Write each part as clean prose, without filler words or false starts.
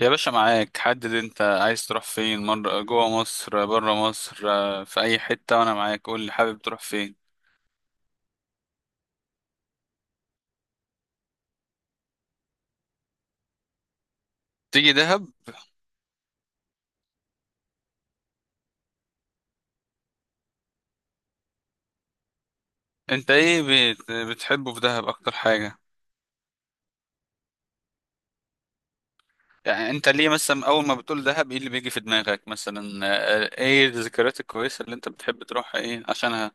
يا باشا معاك، حدد انت عايز تروح فين، مرة جوه مصر بره مصر، في اي حتة وانا معاك. قول لي، حابب تروح فين؟ تيجي دهب. انت ايه بتحبه في دهب اكتر حاجة؟ يعني انت ليه مثلا اول ما بتقول دهب ايه اللي بيجي في دماغك مثلا، ايه الذكريات الكويسة اللي انت بتحب تروحها ايه عشانها؟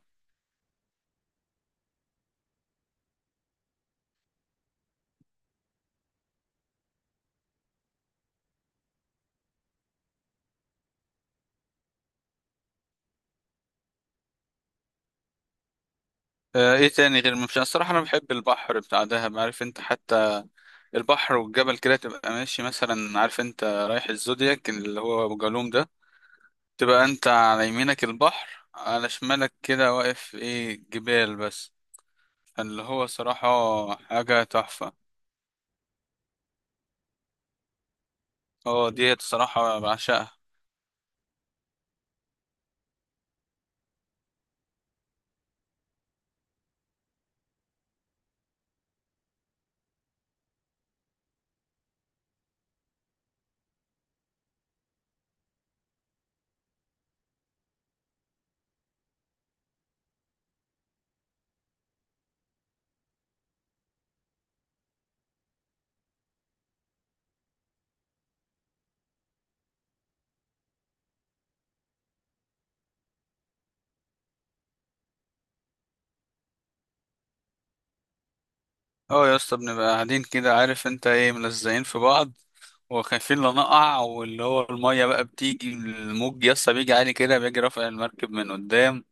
ايه تاني؟ غير مش الصراحة انا بحب البحر بتاع دهب، عارف انت، حتى البحر والجبل كده. تبقى ماشي مثلا، عارف انت، رايح الزودياك اللي هو ابو جالوم ده، تبقى انت على يمينك البحر على شمالك كده، واقف ايه جبال بس. اللي هو صراحة حاجة تحفة. اه ديت صراحة بعشقها. اه يا اسطى، بنبقى قاعدين كده، عارف انت ايه، ملزقين في بعض وخايفين لا نقع، واللي هو المية بقى بتيجي، الموج يا اسطى بيجي عالي كده، بيجي رافع المركب من قدام،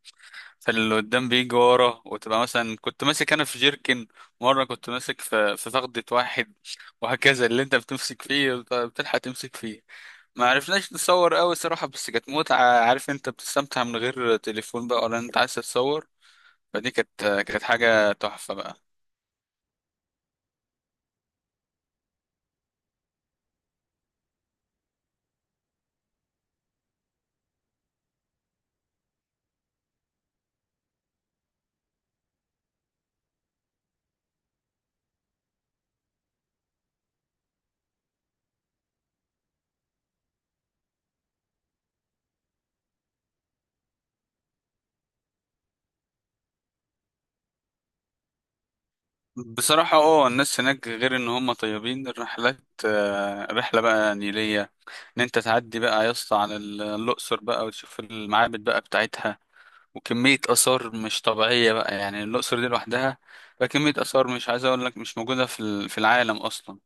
فاللي قدام بيجي ورا، وتبقى مثلا كنت ماسك انا في جيركن، مرة كنت ماسك في فخدة واحد، وهكذا. اللي انت بتمسك فيه بتلحق تمسك فيه. ما عرفناش نصور قوي صراحة، بس كانت متعة، عارف انت، بتستمتع من غير تليفون بقى ولا انت عايز تتصور. فدي كانت حاجة تحفة بقى. بصراحة اه الناس هناك غير ان هم طيبين، الرحلات، رحلة بقى نيلية، ان انت تعدي بقى يا اسطى على الاقصر بقى وتشوف المعابد بقى بتاعتها، وكمية اثار مش طبيعية بقى، يعني الاقصر دي لوحدها بقى كمية اثار مش عايز اقول لك مش موجودة في في العالم اصلا.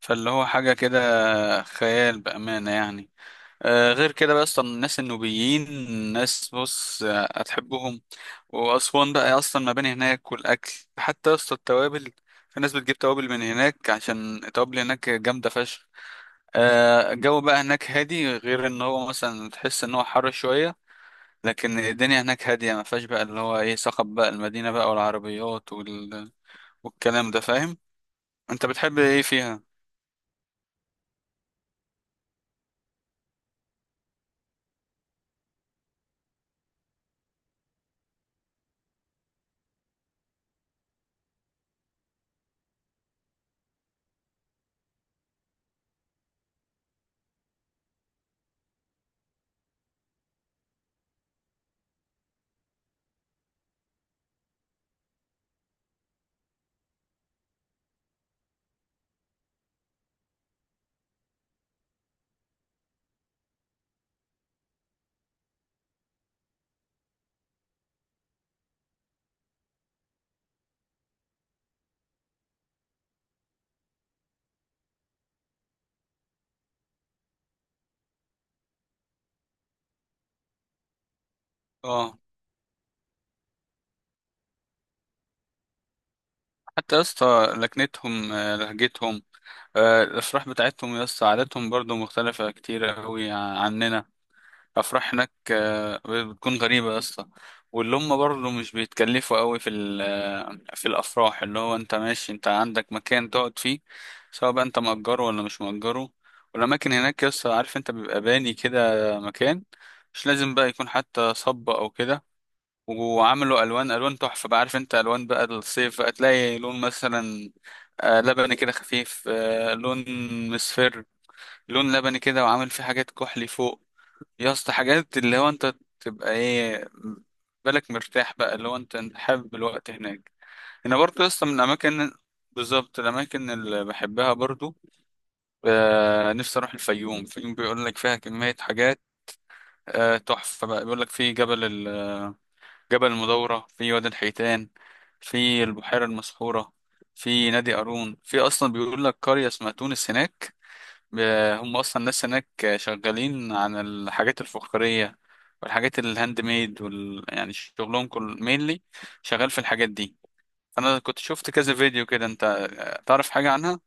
فاللي هو حاجة كده خيال بأمانة يعني. غير كده بقى اصلا الناس النوبيين، ناس بص هتحبهم. واسوان بقى اصلا، مباني هناك والاكل، حتى اصلا التوابل، في ناس بتجيب توابل من هناك عشان التوابل هناك جامده فشخ. الجو بقى هناك هادي، غير ان هو مثلا تحس ان هو حر شويه، لكن الدنيا هناك هاديه ما فيهاش بقى اللي هو ايه، صخب بقى المدينه بقى والعربيات وال... والكلام ده، فاهم؟ انت بتحب ايه فيها؟ اه. حتى يا اسطى لكنتهم، لهجتهم، الأفراح بتاعتهم يا اسطى، عاداتهم برضو مختلفة كتير أوي عننا. أفراح هناك بتكون غريبة يا اسطى، واللي هم برضو مش بيتكلفوا أوي في في الأفراح، اللي هو أنت ماشي أنت عندك مكان تقعد فيه، سواء بقى أنت مأجره ولا مش مأجره. والأماكن هناك يا اسطى، عارف أنت، بيبقى باني كده مكان، مش لازم بقى يكون حتى صب أو كده، وعملوا الوان الوان تحفه بقى. عارف انت الوان بقى الصيف بقى، تلاقي لون مثلا لبني كده خفيف، لون مصفر، لون لبني كده وعامل فيه حاجات كحلي فوق، يا اسطى حاجات اللي هو انت تبقى ايه، بالك مرتاح بقى، اللي هو انت حابب الوقت هناك. انا برضو يا اسطى من الاماكن بالظبط الاماكن اللي بحبها برضو، نفسي اروح الفيوم. الفيوم بيقول لك فيها كميه حاجات تحفه بقى. بيقول لك في جبل، جبل المدورة، في وادي الحيتان، في البحيرة المسحورة، في نادي قارون، في أصلا بيقول لك قرية اسمها تونس هناك. ب- هم أصلا الناس هناك شغالين عن الحاجات الفخارية والحاجات الهاند ميد وال... يعني شغلهم كل مينلي شغال في الحاجات دي. أنا كنت شفت كذا فيديو كده، أنت تعرف حاجة عنها؟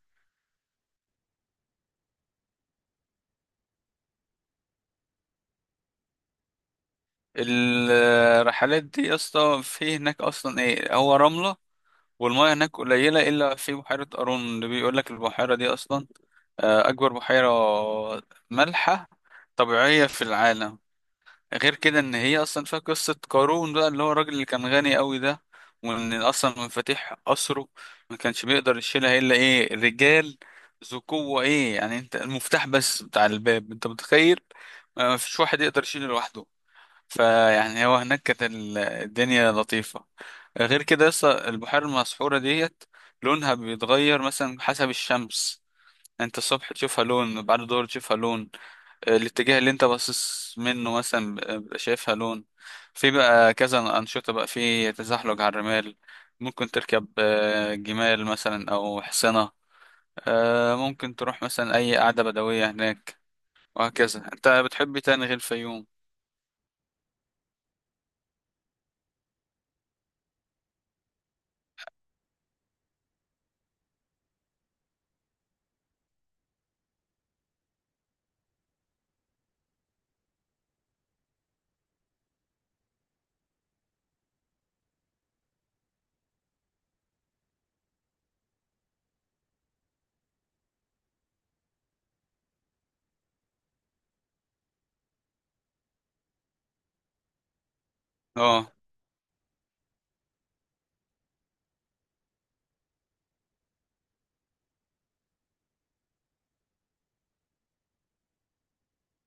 الرحلات دي يا اسطى، في هناك أصلا إيه هو رملة، والمياه هناك قليلة إلا في بحيرة قارون، اللي بيقول لك البحيرة دي أصلا أكبر بحيرة مالحة طبيعية في العالم. غير كده إن هي أصلا فيها قصة قارون بقى، اللي هو الراجل اللي كان غني أوي ده، وإن أصلا مفاتيح قصره ما كانش بيقدر يشيلها إلا إيه، رجال ذو قوة، إيه يعني أنت المفتاح بس بتاع الباب أنت متخيل، ما فيش واحد يقدر يشيله لوحده. فيعني هو هناك كانت الدنيا لطيفة. غير كده يسطا، البحيرة المسحورة ديت لونها بيتغير مثلا حسب الشمس، انت الصبح تشوفها لون، بعد الظهر تشوفها لون، الاتجاه اللي انت باصص منه مثلا بيبقى شايفها لون. في بقى كذا انشطه بقى، في تزحلق على الرمال، ممكن تركب جمال مثلا او حصنه، ممكن تروح مثلا اي قعده بدويه هناك، وهكذا. انت بتحب إيه تاني غير الفيوم؟ اه،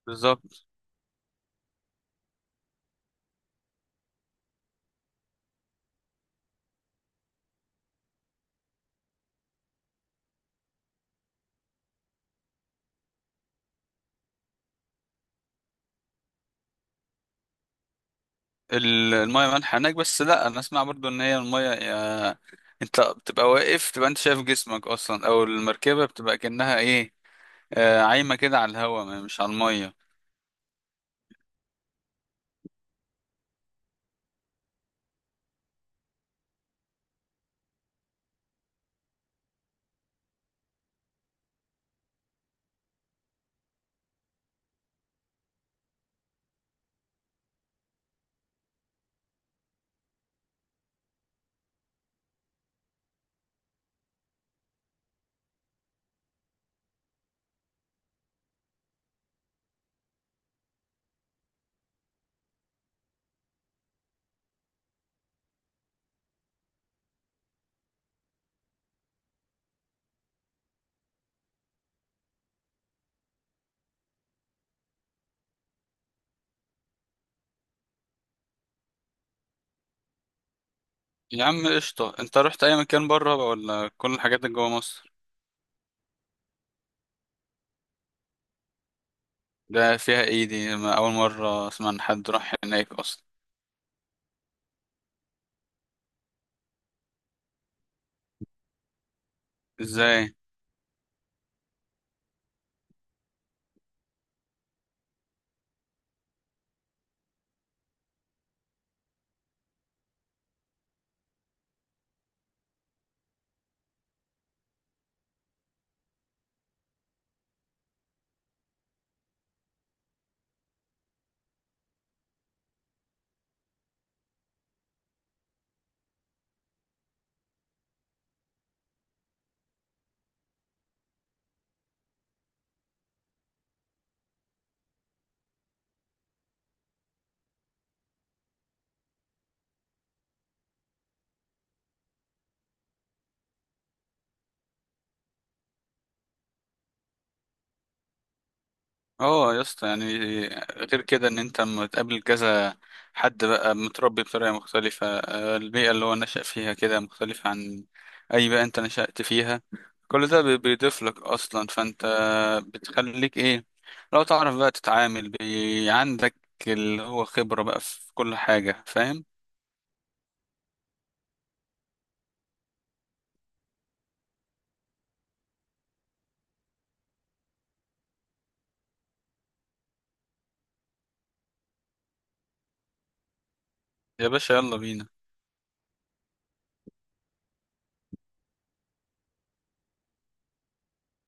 بالظبط. المية مالحة هناك، بس لا انا اسمع برضو ان هي المية انت بتبقى واقف، تبقى انت شايف جسمك اصلا، او المركبة بتبقى كأنها ايه، عايمة كده على الهوا، مش على المية. يا عم قشطة، انت رحت اي مكان بره بقى ولا كل الحاجات اللي جوا مصر؟ ده فيها ايه دي؟ ما اول مرة اسمع ان حد راح هناك اصلا. ازاي؟ اه يا اسطى يعني، غير كده ان انت لما تقابل كذا حد بقى متربي بطريقه مختلفه، البيئه اللي هو نشأ فيها كده مختلفه عن اي بيئه انت نشأت فيها، كل ده بيضيف لك اصلا، فانت بتخليك ايه، لو تعرف بقى تتعامل بي، عندك اللي هو خبره بقى في كل حاجه، فاهم؟ يا باشا يلا بينا.